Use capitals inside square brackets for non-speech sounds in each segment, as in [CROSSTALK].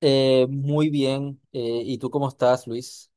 Muy bien. ¿Y tú cómo estás, Luis?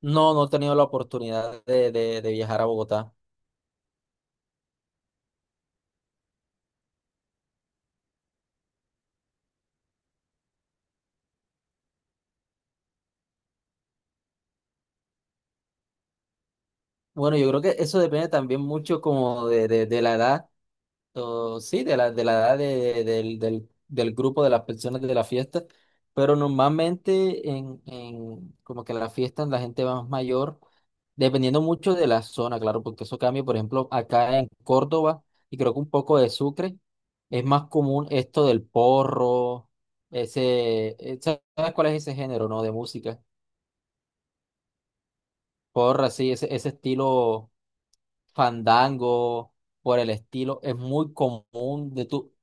No, no he tenido la oportunidad de viajar a Bogotá. Bueno, yo creo que eso depende también mucho como de la edad. O, sí, de la edad del grupo de las personas de la fiesta, pero normalmente en como que en las fiestas la gente va más mayor, dependiendo mucho de la zona, claro, porque eso cambia, por ejemplo, acá en Córdoba, y creo que un poco de Sucre, es más común esto del porro, ese, ¿sabes cuál es ese género, no? De música. Porra, sí, ese estilo fandango, por el estilo, es muy común de tú.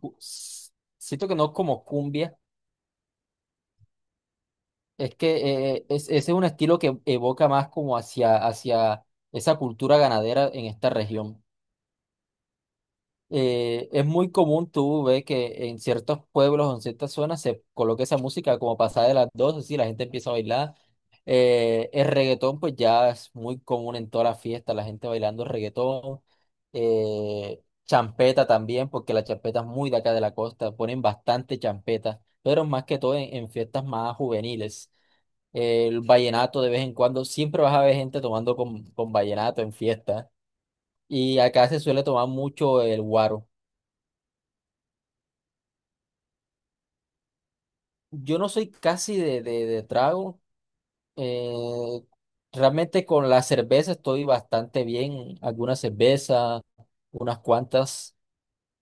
cu- s- Siento que no como cumbia, es que es, ese es un estilo que evoca más como hacia, hacia esa cultura ganadera en esta región. Es muy común tú ver que en ciertos pueblos o en ciertas zonas se coloca esa música como pasada de las 12, sí, la gente empieza a bailar. El reggaetón pues ya es muy común en todas las fiestas, la gente bailando reggaetón. Champeta también, porque la champeta es muy de acá de la costa, ponen bastante champeta, pero más que todo en fiestas más juveniles. El vallenato de vez en cuando, siempre vas a ver gente tomando con vallenato en fiesta. Y acá se suele tomar mucho el guaro. Yo no soy casi de trago. eh, Realmente con la cerveza estoy bastante bien. Algunas cervezas, unas cuantas.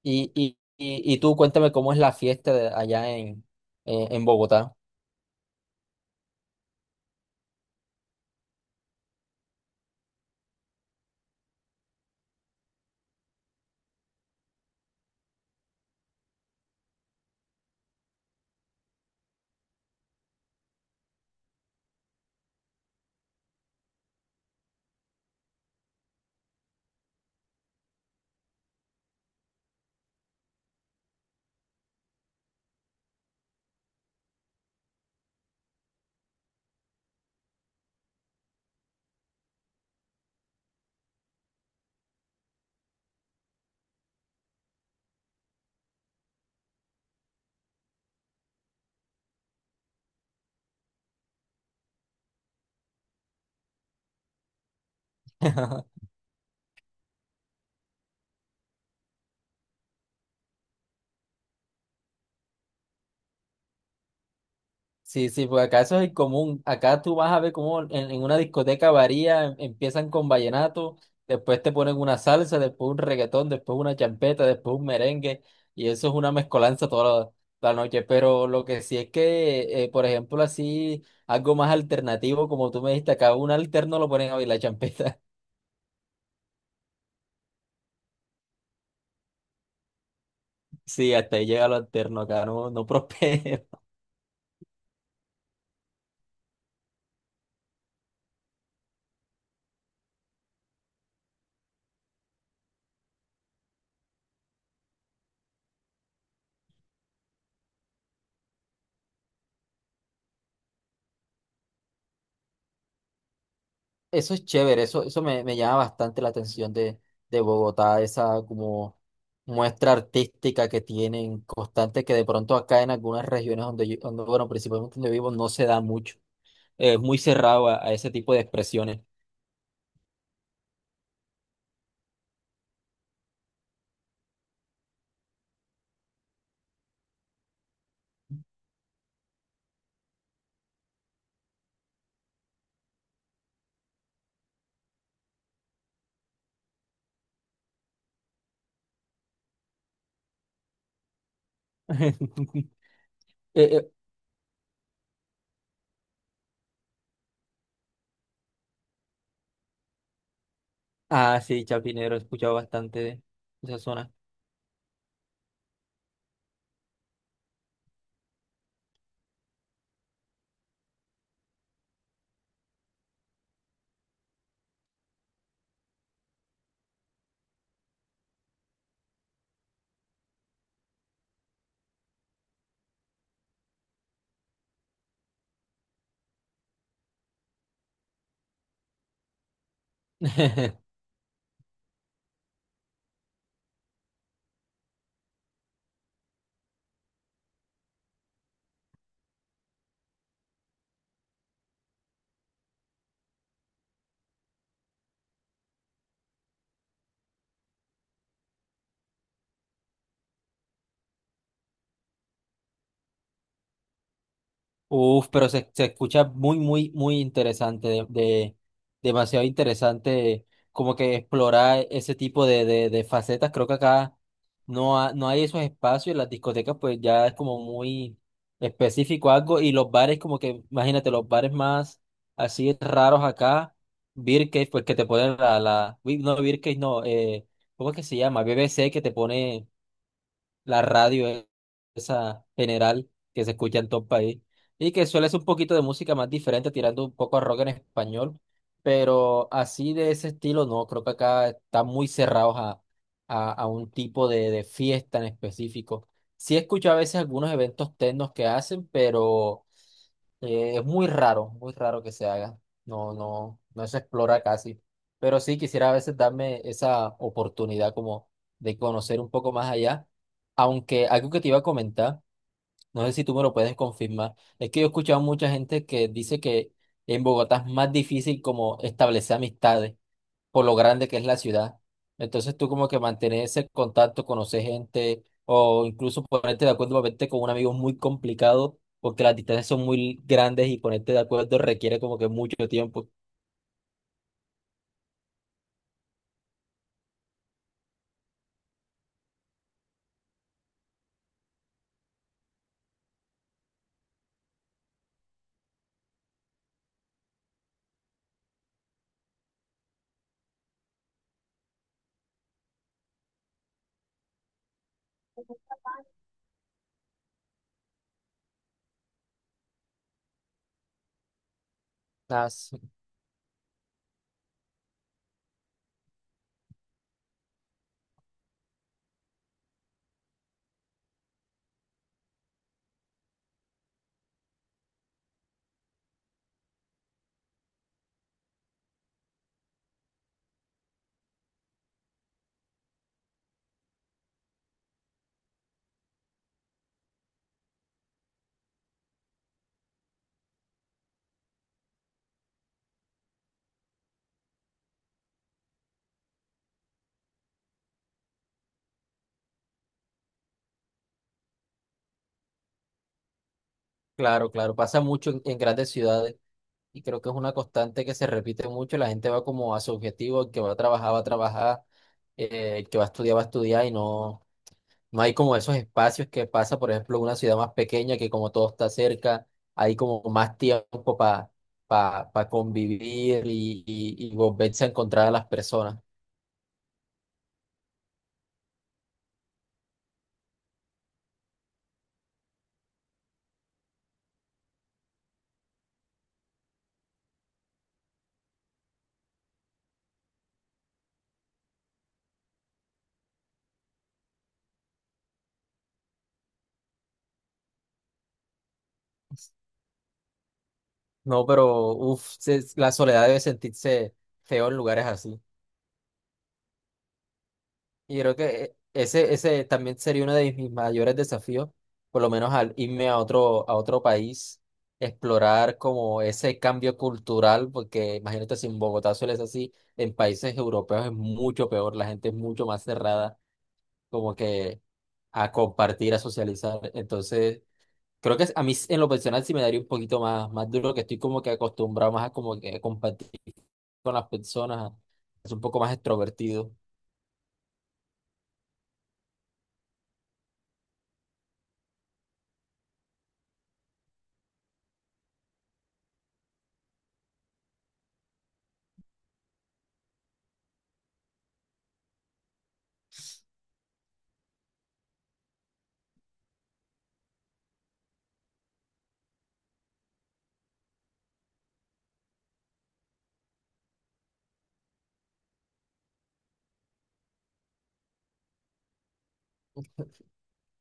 Y tú cuéntame cómo es la fiesta de allá en Bogotá. [LAUGHS] Sí, sí, pues acá eso es el común. Acá tú vas a ver cómo en una discoteca varía, empiezan con vallenato, después te ponen una salsa, después un reggaetón, después una champeta, después un merengue, y eso es una mezcolanza toda la, la noche. Pero lo que sí es que, por ejemplo, así, algo más alternativo, como tú me dijiste, acá un alterno lo ponen a bailar champeta. [LAUGHS] Sí, hasta ahí llega lo alterno, acá no, no [LAUGHS] prospera. Eso es chévere, eso me, me llama bastante la atención de Bogotá, esa como muestra artística que tienen constante, que de pronto acá en algunas regiones donde yo, donde, bueno, principalmente donde vivo, no se da mucho. Es muy cerrado a ese tipo de expresiones. [LAUGHS] Eh, eh, ah, sí, Chapinero, he escuchado bastante de esa zona. [LAUGHS] Uf, pero se escucha muy, muy, muy interesante, demasiado interesante como que explorar ese tipo de facetas. Creo que acá no, no hay esos espacios, las discotecas pues ya es como muy específico algo y los bares como que, imagínate, los bares más así raros acá, beer cave, pues que te ponen la, la, uy, no, beer cave, no, ¿cómo es que se llama? BBC, que te pone la radio esa general que se escucha en todo el país y que suele ser un poquito de música más diferente, tirando un poco a rock en español, pero así de ese estilo no, creo que acá están muy cerrados a un tipo de fiesta en específico. Sí escucho a veces algunos eventos tecnos que hacen, pero es muy raro que se haga. No, no, no se explora casi. Pero sí quisiera a veces darme esa oportunidad como de conocer un poco más allá. Aunque algo que te iba a comentar, no sé si tú me lo puedes confirmar, es que yo he escuchado mucha gente que dice que en Bogotá es más difícil como establecer amistades por lo grande que es la ciudad. Entonces tú como que mantener ese contacto, conocer gente o incluso ponerte de acuerdo para verte con un amigo es muy complicado porque las distancias son muy grandes y ponerte de acuerdo requiere como que mucho tiempo. Ah, sí, claro, claro, pasa mucho en grandes ciudades y creo que es una constante que se repite mucho. La gente va como a su objetivo, el que va a trabajar, el que va a estudiar y no. No hay como esos espacios que pasa, por ejemplo, una ciudad más pequeña que como todo está cerca, hay como más tiempo para convivir y volverse a encontrar a las personas. No, pero uff, la soledad debe sentirse feo en lugares así. Y yo creo que ese, ese también sería uno de mis mayores desafíos, por lo menos al irme a otro país, explorar como ese cambio cultural, porque imagínate si en Bogotá suele ser así, en países europeos es mucho peor, la gente es mucho más cerrada, como que a compartir, a socializar. Entonces, creo que a mí en lo personal sí me daría un poquito más, más duro, que estoy como que acostumbrado más a como que compartir con las personas, es un poco más extrovertido.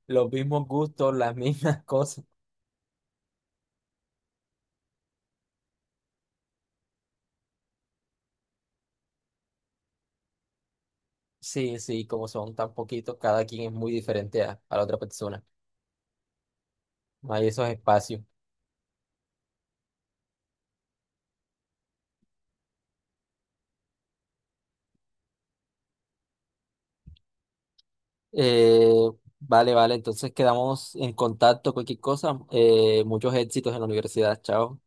Los mismos gustos, las mismas [LAUGHS] cosas. Sí, sí, como son tan poquitos, cada quien es muy diferente a la otra persona. No hay esos espacios. Eh, vale, vale, entonces quedamos en contacto, cualquier cosa. Muchos éxitos en la universidad. Chao.